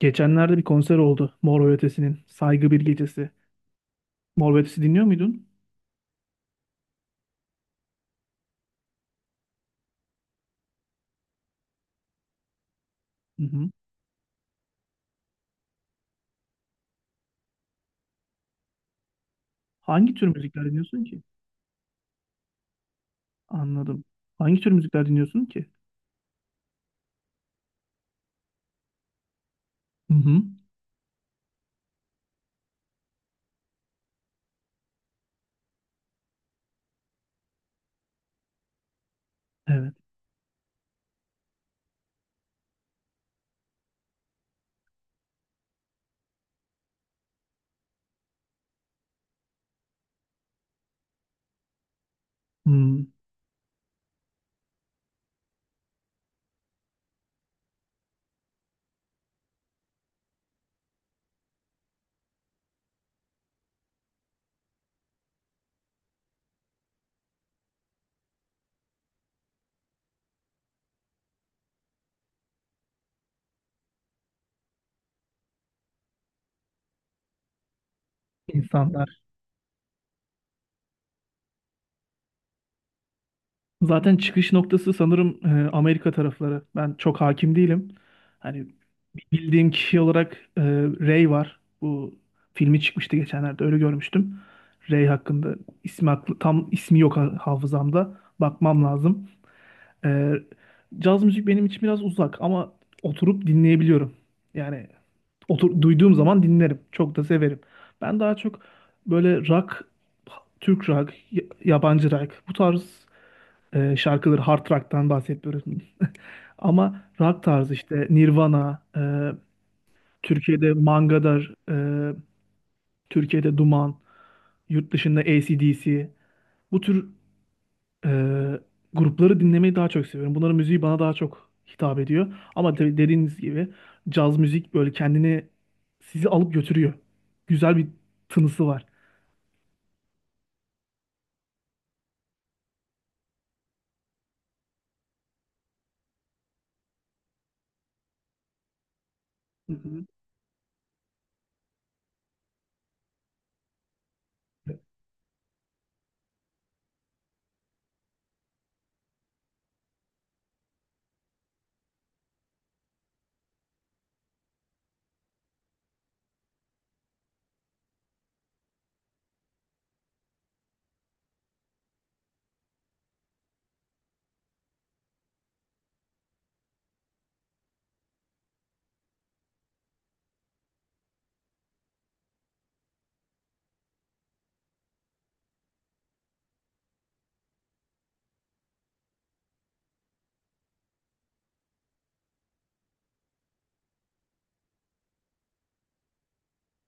Geçenlerde bir konser oldu Mor ve Ötesi'nin. Saygı Bir Gecesi. Mor ve Ötesi dinliyor muydun? Hı hı. Hangi tür müzikler dinliyorsun ki? Anladım. Hangi tür müzikler dinliyorsun ki? Hı hı. Evet. Hmm. İnsanlar. Zaten çıkış noktası sanırım Amerika tarafları. Ben çok hakim değilim. Hani bildiğim kişi olarak Ray var. Bu filmi çıkmıştı geçenlerde öyle görmüştüm. Ray hakkında ismi aklı, tam ismi yok hafızamda. Bakmam lazım. Ee, Caz müzik benim için biraz uzak ama oturup dinleyebiliyorum. Yani otur, duyduğum zaman dinlerim. Çok da severim. Ben daha çok böyle rock, Türk rock, yabancı rock bu tarz şarkıları hard rock'tan bahsetmiyoruz. Ama rock tarzı işte Nirvana, Türkiye'de Mangadar, Türkiye'de Duman, yurt dışında AC/DC bu tür Ee, grupları dinlemeyi daha çok seviyorum. Bunların müziği bana daha çok hitap ediyor. Ama tabii dediğiniz gibi caz müzik böyle kendini sizi alıp götürüyor. Güzel bir tınısı var. Hı hı.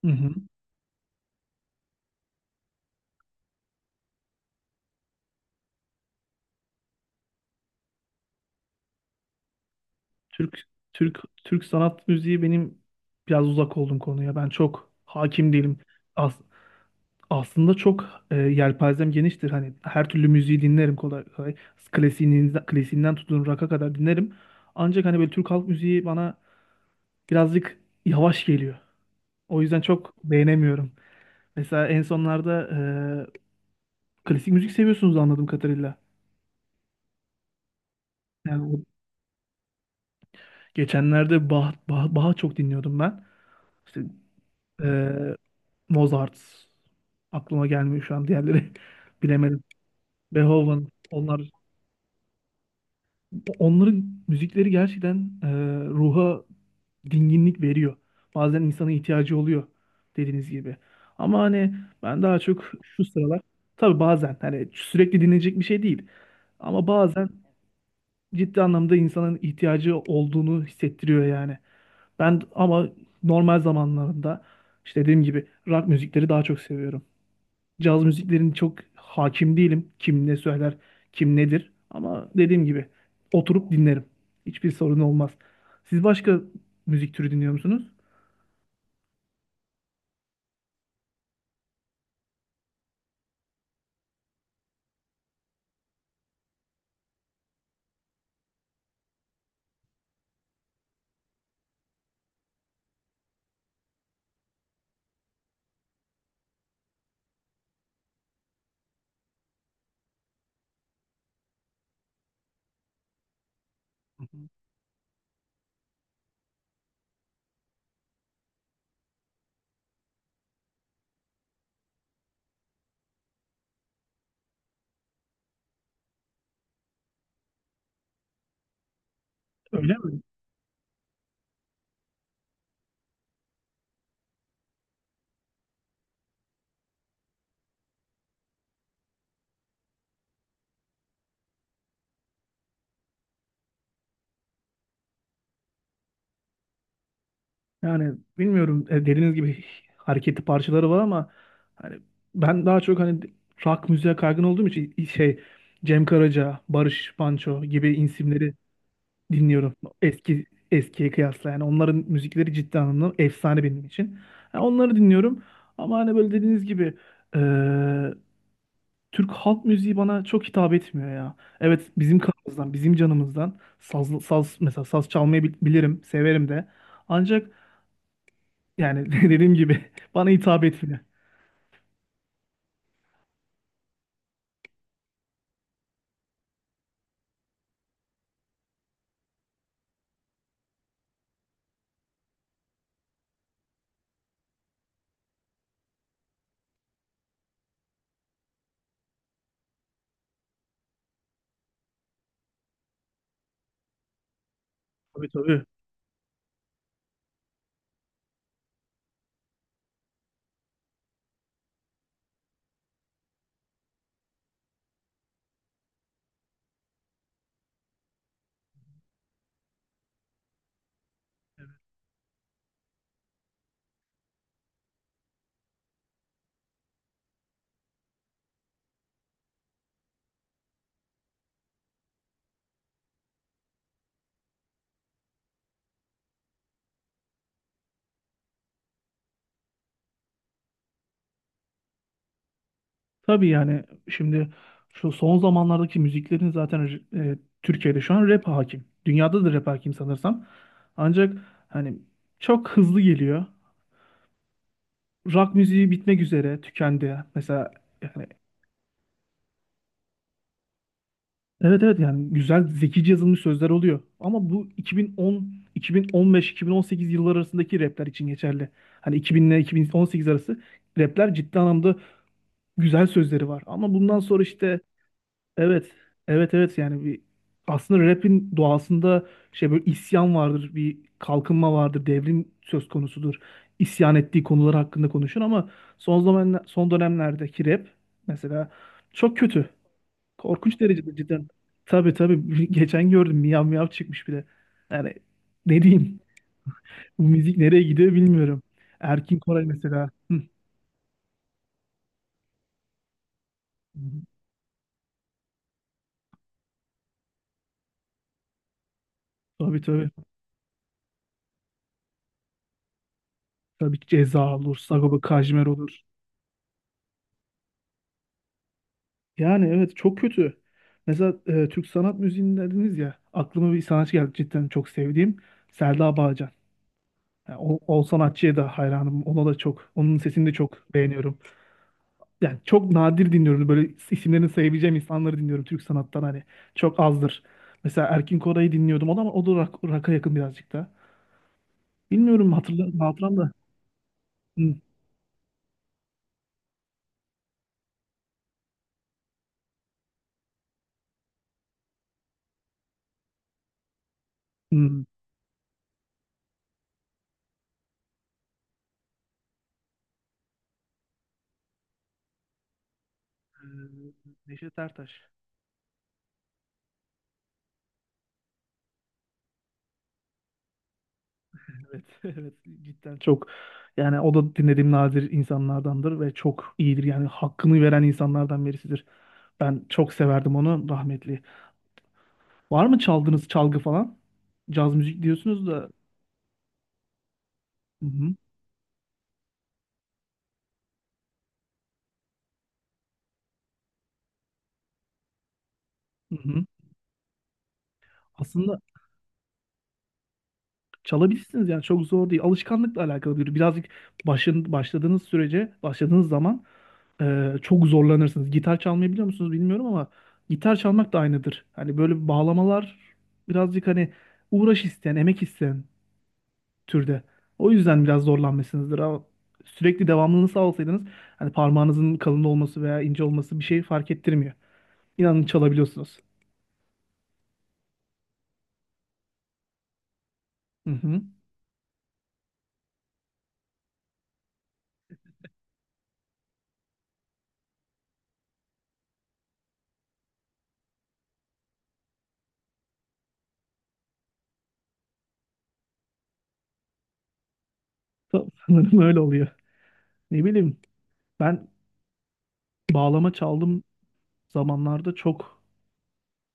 Hı hı. Türk Türk Türk sanat müziği benim biraz uzak olduğum konuya. Ben çok hakim değilim. As- aslında çok yelpazem geniştir. Hani her türlü müziği dinlerim kolay kolay. Klasiğinden tutun rock'a kadar dinlerim. Ancak hani böyle Türk halk müziği bana birazcık yavaş geliyor. O yüzden çok beğenemiyorum. Mesela en sonlarda klasik müzik seviyorsunuz anladığım kadarıyla. Yani geçenlerde Bach'ı çok dinliyordum ben. İşte e, Mozart aklıma gelmiyor şu an diğerleri bilemedim. Beethoven, Onların müzikleri gerçekten ruha dinginlik veriyor. Bazen insana ihtiyacı oluyor dediğiniz gibi. Ama hani ben daha çok şu sıralar tabii bazen hani sürekli dinlenecek bir şey değil. Ama bazen ciddi anlamda insanın ihtiyacı olduğunu hissettiriyor yani. Ben ama normal zamanlarında işte dediğim gibi rock müzikleri daha çok seviyorum. Caz müziklerini çok hakim değilim. Kim ne söyler, kim nedir. Ama dediğim gibi oturup dinlerim. Hiçbir sorun olmaz. Siz başka müzik türü dinliyor musunuz? Hı hı. Öyle mi? Yani bilmiyorum dediğiniz gibi hareketli parçaları var ama hani ben daha çok hani rock müziğe kaygın olduğum için şey Cem Karaca, Barış Manço gibi isimleri dinliyorum. Eski eskiye kıyasla yani onların müzikleri ciddi anlamda efsane benim için. Yani onları dinliyorum ama hani böyle dediğiniz gibi eee, Türk halk müziği bana çok hitap etmiyor ya. Evet bizim kanımızdan, bizim canımızdan saz, mesela saz çalmayı bilirim, severim de. Ancak yani dediğim gibi bana hitap etmiyor. Tabii tabii. Tabii yani şimdi şu son zamanlardaki müziklerin zaten Türkiye'de şu an rap hakim. Dünyada da rap hakim sanırsam. Ancak hani çok hızlı geliyor. Rock müziği bitmek üzere, tükendi. Mesela yani evet, yani güzel zekice yazılmış sözler oluyor. Ama bu 2010, 2015, 2018 yılları arasındaki rapler için geçerli. Hani 2000 ile 2018 arası rapler ciddi anlamda güzel sözleri var. Ama bundan sonra işte Evet. Evet, yani bir aslında rap'in doğasında şey böyle isyan vardır, bir kalkınma vardır, devrim söz konusudur. İsyan ettiği konular hakkında konuşur ama son dönemlerdeki rap mesela çok kötü. Korkunç derecede cidden. Tabii tabii. Geçen gördüm miyav miyav çıkmış bir de. Yani ne diyeyim? Bu müzik nereye gidiyor bilmiyorum. Erkin Koray mesela. Hı. Tabii tabii. Tabii Ceza olur, Sagopa Kajmer olur. Yani evet çok kötü. Mesela Türk sanat müziğini dediniz ya aklıma bir sanatçı geldi cidden çok sevdiğim Selda Bağcan. Yani o sanatçıya da hayranım. Ona da çok. Onun sesini de çok beğeniyorum. Yani çok nadir dinliyorum. Böyle isimlerini sayabileceğim insanları dinliyorum Türk sanattan hani. Çok azdır. Mesela Erkin Koray'ı dinliyordum. O da rock'a yakın birazcık da. Bilmiyorum hatırla, hatıram da. Hı, hı. Ee, Neşet Ertaş. Evet, evet cidden çok yani o da dinlediğim nadir insanlardandır ve çok iyidir yani hakkını veren insanlardan birisidir. Ben çok severdim onu rahmetli. Var mı çaldığınız çalgı falan? Caz müzik diyorsunuz da. Hı hı, hı hı. Aslında çalabilirsiniz yani çok zor değil. Alışkanlıkla alakalı bir birazcık başladığınız sürece başladığınız zaman çok zorlanırsınız. Gitar çalmayı biliyor musunuz bilmiyorum ama gitar çalmak da aynıdır. Hani böyle bağlamalar birazcık hani uğraş isteyen, emek isteyen türde. O yüzden biraz zorlanmışsınızdır ama sürekli devamlılığını sağlasaydınız hani parmağınızın kalın olması veya ince olması bir şey fark ettirmiyor. İnanın çalabiliyorsunuz. Hı hı. Sanırım öyle oluyor. Ne bileyim ben bağlama çaldığım zamanlarda çok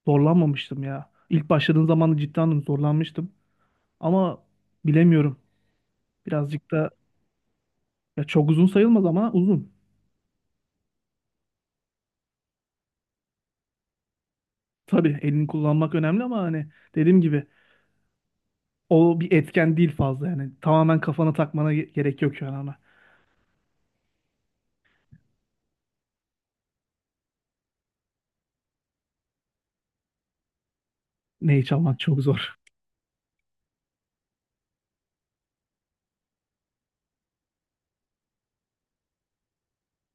zorlanmamıştım ya. İlk başladığım zaman da cidden zorlanmıştım ama bilemiyorum. Birazcık da ya çok uzun sayılmaz ama uzun. Tabii elini kullanmak önemli ama hani dediğim gibi o bir etken değil fazla yani. Tamamen kafana takmana gerek yok yani ona. Neyi çalmak çok zor.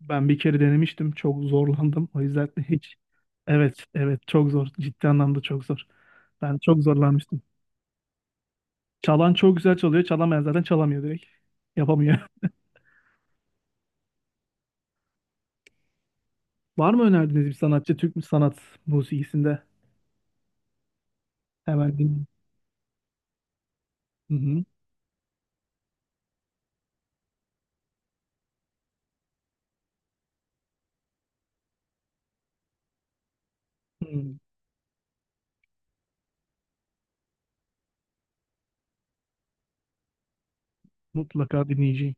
Ben bir kere denemiştim. Çok zorlandım. O yüzden de hiç. Evet, evet çok zor. Ciddi anlamda çok zor. Ben çok zorlanmıştım. Çalan çok güzel çalıyor. Çalamayan zaten çalamıyor direkt. Yapamıyor. Var mı önerdiğiniz bir sanatçı Türk mü sanat musikisinde? Hemen dinleyeyim. Hı hı. Hı. Mutlaka dinleyeceğim.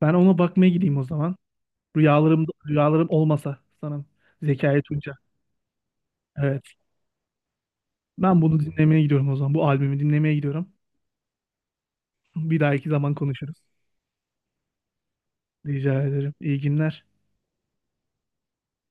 Ben ona bakmaya gideyim o zaman. Rüyalarım olmasa sanırım. Zekai Tunca. Evet. Ben bunu dinlemeye gidiyorum o zaman. Bu albümü dinlemeye gidiyorum. Bir dahaki zaman konuşuruz. Rica ederim. İyi günler.